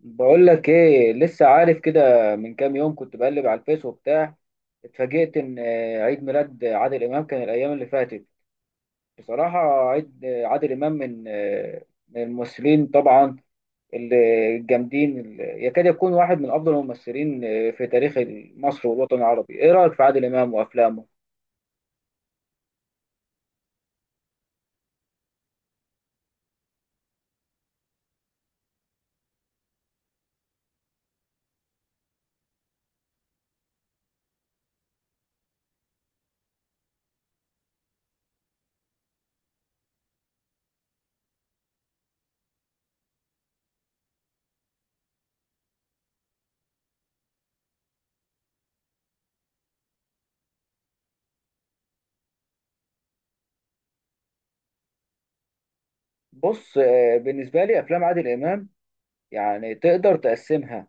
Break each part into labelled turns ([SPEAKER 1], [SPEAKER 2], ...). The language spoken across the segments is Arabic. [SPEAKER 1] بقول لك ايه، لسه عارف كده. من كام يوم كنت بقلب على الفيس وبتاع، اتفاجئت ان عيد ميلاد عادل امام كان الايام اللي فاتت. بصراحه عيد عادل امام من الممثلين طبعا، اللي الجامدين، اللي يكاد يكون واحد من افضل الممثلين في تاريخ مصر والوطن العربي. ايه رايك في عادل امام وافلامه؟ بص بالنسبه لي افلام عادل امام يعني تقدر تقسمها.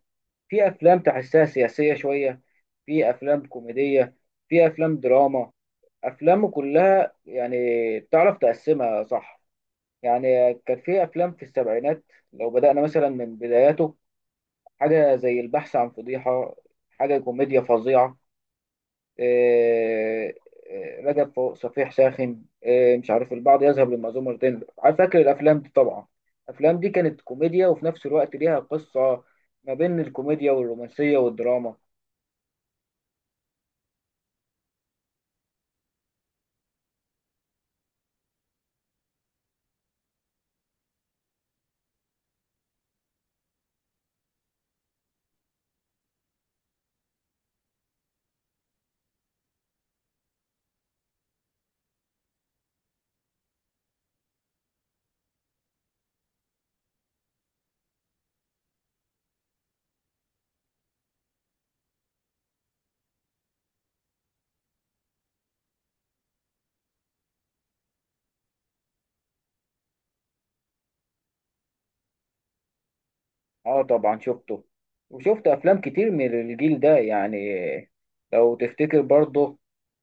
[SPEAKER 1] في افلام تحسها سياسيه شويه، في افلام كوميديه، في افلام دراما، افلام كلها يعني بتعرف تقسمها صح. يعني كان في افلام في السبعينات، لو بدانا مثلا من بداياته، حاجه زي البحث عن فضيحه، حاجه كوميديا فظيعه. إيه، إيه، رجب فوق صفيح ساخن، إيه، مش عارف البعض يذهب للمأذون مرتين، عارف، فاكر الافلام دي طبعا. الافلام دي كانت كوميديا وفي نفس الوقت ليها قصه، ما بين الكوميديا والرومانسيه والدراما. اه طبعا شفته، وشفت افلام كتير من الجيل ده يعني. لو تفتكر برضه،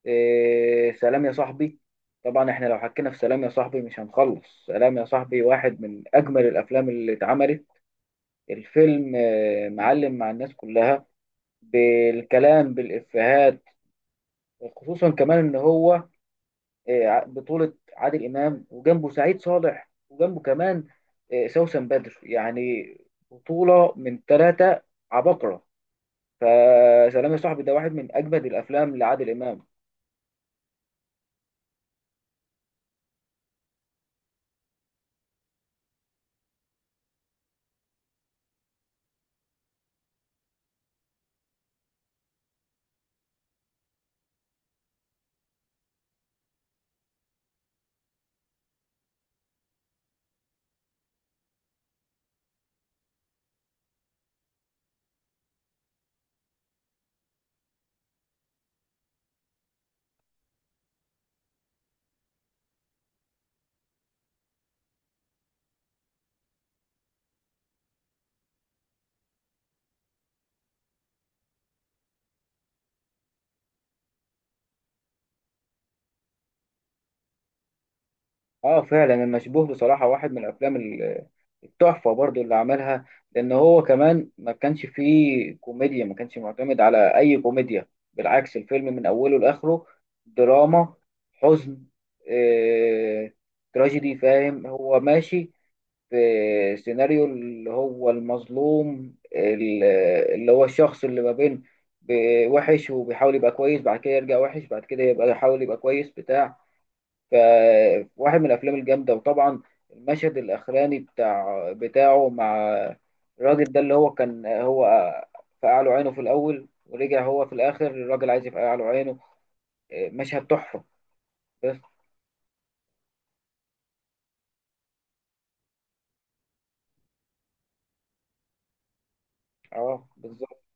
[SPEAKER 1] إيه، سلام يا صاحبي. طبعا احنا لو حكينا في سلام يا صاحبي مش هنخلص. سلام يا صاحبي واحد من اجمل الافلام اللي اتعملت. الفيلم معلم مع الناس كلها، بالكلام، بالافيهات، خصوصا كمان ان هو بطولة عادل امام وجنبه سعيد صالح وجنبه كمان سوسن بدر يعني. بطولة من ثلاثة عباقرة. فسلام يا صاحبي ده واحد من اجمد الافلام لعادل امام. اه فعلا، المشبوه بصراحه واحد من الافلام التحفه برضو اللي عملها. لان هو كمان ما كانش فيه كوميديا، ما كانش معتمد على اي كوميديا. بالعكس، الفيلم من اوله لاخره دراما، حزن، آه، تراجيدي، فاهم؟ هو ماشي في سيناريو اللي هو المظلوم، اللي هو الشخص اللي ما بين وحش وبيحاول يبقى كويس، بعد كده يرجع وحش، بعد كده يبقى يحاول يبقى كويس بتاع. فواحد من الافلام الجامده. وطبعا المشهد الاخراني بتاع بتاعه مع الراجل ده اللي هو كان هو فقع له عينه في الاول، ورجع هو في الاخر الراجل عايز يفقع له عينه. مشهد تحفه. بس. اه بالظبط.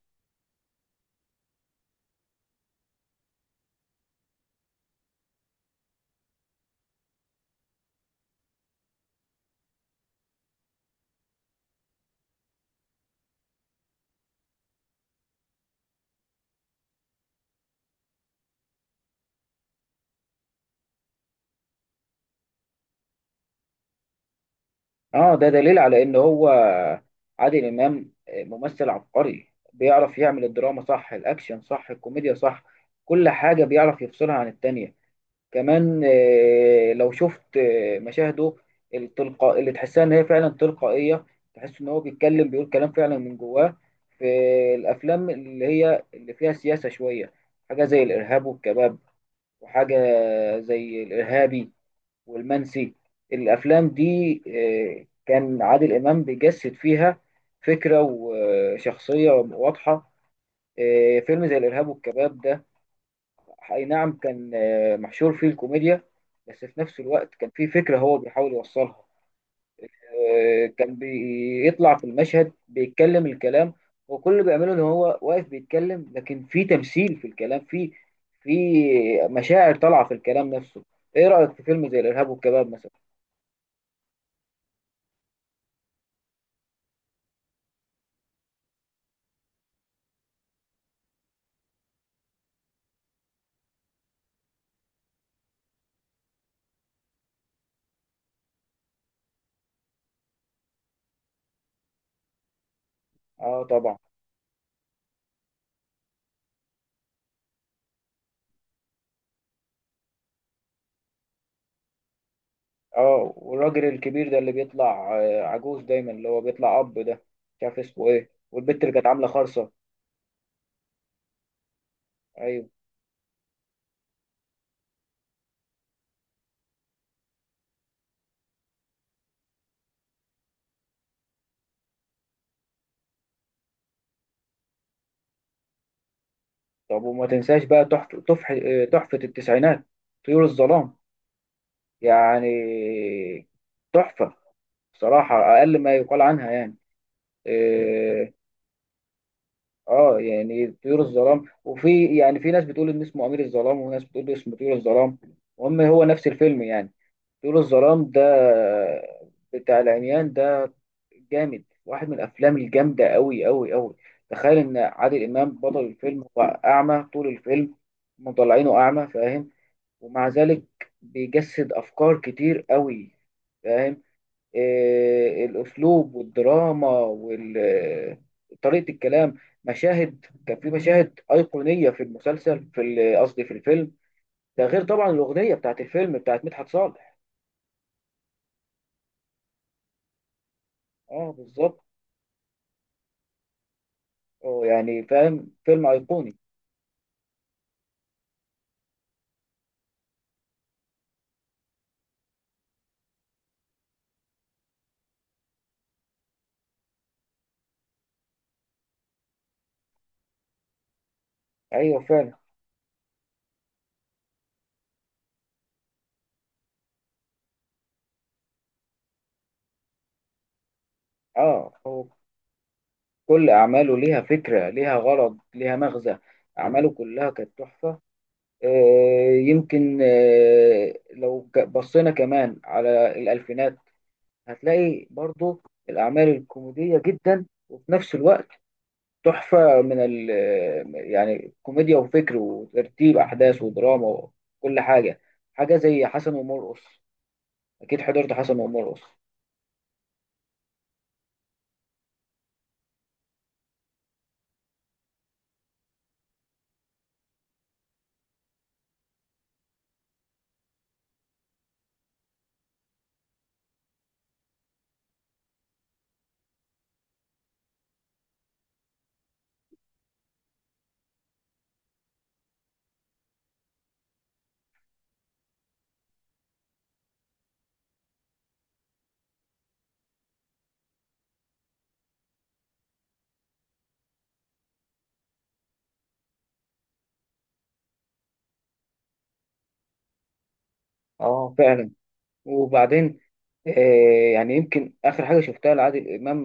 [SPEAKER 1] اه ده دليل على ان هو عادل امام ممثل عبقري، بيعرف يعمل الدراما صح، الاكشن صح، الكوميديا صح، كل حاجه بيعرف يفصلها عن التانية. كمان لو شفت مشاهده التلقاء اللي تحسها ان هي فعلا تلقائيه، تحس ان هو بيتكلم بيقول كلام فعلا من جواه في الافلام اللي هي اللي فيها سياسه شويه، حاجه زي الارهاب والكباب، وحاجه زي الارهابي والمنسي. الافلام دي كان عادل امام بيجسد فيها فكره وشخصيه واضحه. فيلم زي الارهاب والكباب ده، اي نعم كان محشور فيه الكوميديا، بس في نفس الوقت كان فيه فكره هو بيحاول يوصلها. كان بيطلع في المشهد بيتكلم الكلام. هو كل اللي بيعمله ان هو واقف بيتكلم، لكن في تمثيل في الكلام، في مشاعر طالعه في الكلام نفسه. ايه رايك في فيلم زي الارهاب والكباب مثلا؟ اه طبعا. اه والراجل الكبير ده اللي بيطلع عجوز دايما، اللي هو بيطلع اب ده مش عارف اسمه ايه، والبت اللي كانت عامله خرصه. ايوه. طب وما تنساش بقى، تحفه تحفه، تحفة التسعينات، طيور الظلام. يعني تحفه بصراحه اقل ما يقال عنها يعني. إيه، اه يعني طيور الظلام، وفي يعني في ناس بتقول ان اسمه امير الظلام وناس بتقول اسمه طيور الظلام. المهم هو نفس الفيلم يعني. طيور الظلام ده بتاع العميان ده جامد، واحد من الافلام الجامده، قوي قوي قوي. تخيل ان عادل امام بطل الفيلم هو اعمى طول الفيلم، مطلعينه اعمى، فاهم؟ ومع ذلك بيجسد افكار كتير قوي، فاهم؟ إيه الاسلوب والدراما وطريقه الكلام. مشاهد، كان في مشاهد ايقونيه في المسلسل، في قصدي في الفيلم. ده غير طبعا الاغنيه بتاعت الفيلم بتاعت مدحت صالح. اه بالظبط. اه يعني فاهم، فيلم ايقوني. ايوه فعلا. اه هو كل اعماله ليها فكره، ليها غرض، ليها مغزى. اعماله كلها كانت تحفه. يمكن لو بصينا كمان على الالفينات، هتلاقي برضو الاعمال الكوميديه جدا، وفي نفس الوقت تحفه من ال، يعني كوميديا وفكر وترتيب احداث ودراما وكل حاجه. حاجه زي حسن ومرقص، اكيد حضرت حسن ومرقص. اه فعلا. وبعدين يعني يمكن آخر حاجة شفتها لعادل إمام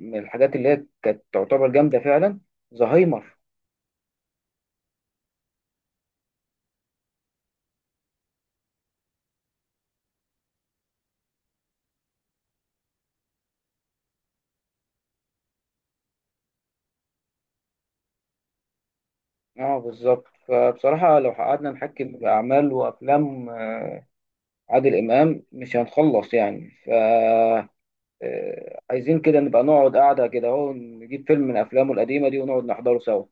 [SPEAKER 1] من الحاجات اللي هي كانت تعتبر جامدة فعلا، زهايمر. اه بالظبط. فبصراحة لو قعدنا نحكي بأعمال وأفلام عادل إمام مش هنخلص يعني. ف عايزين كده نبقى نقعد قاعدة كده اهو، نجيب فيلم من أفلامه القديمة دي ونقعد نحضره سوا.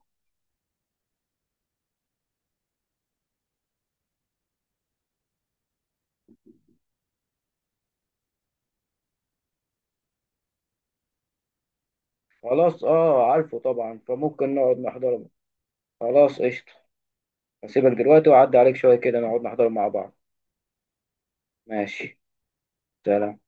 [SPEAKER 1] خلاص، اه عارفه طبعا، فممكن نقعد نحضره. خلاص قشطة. هسيبك دلوقتي وأعدي عليك شوية كده نقعد نحضره مع بعض. ماشي. سلام.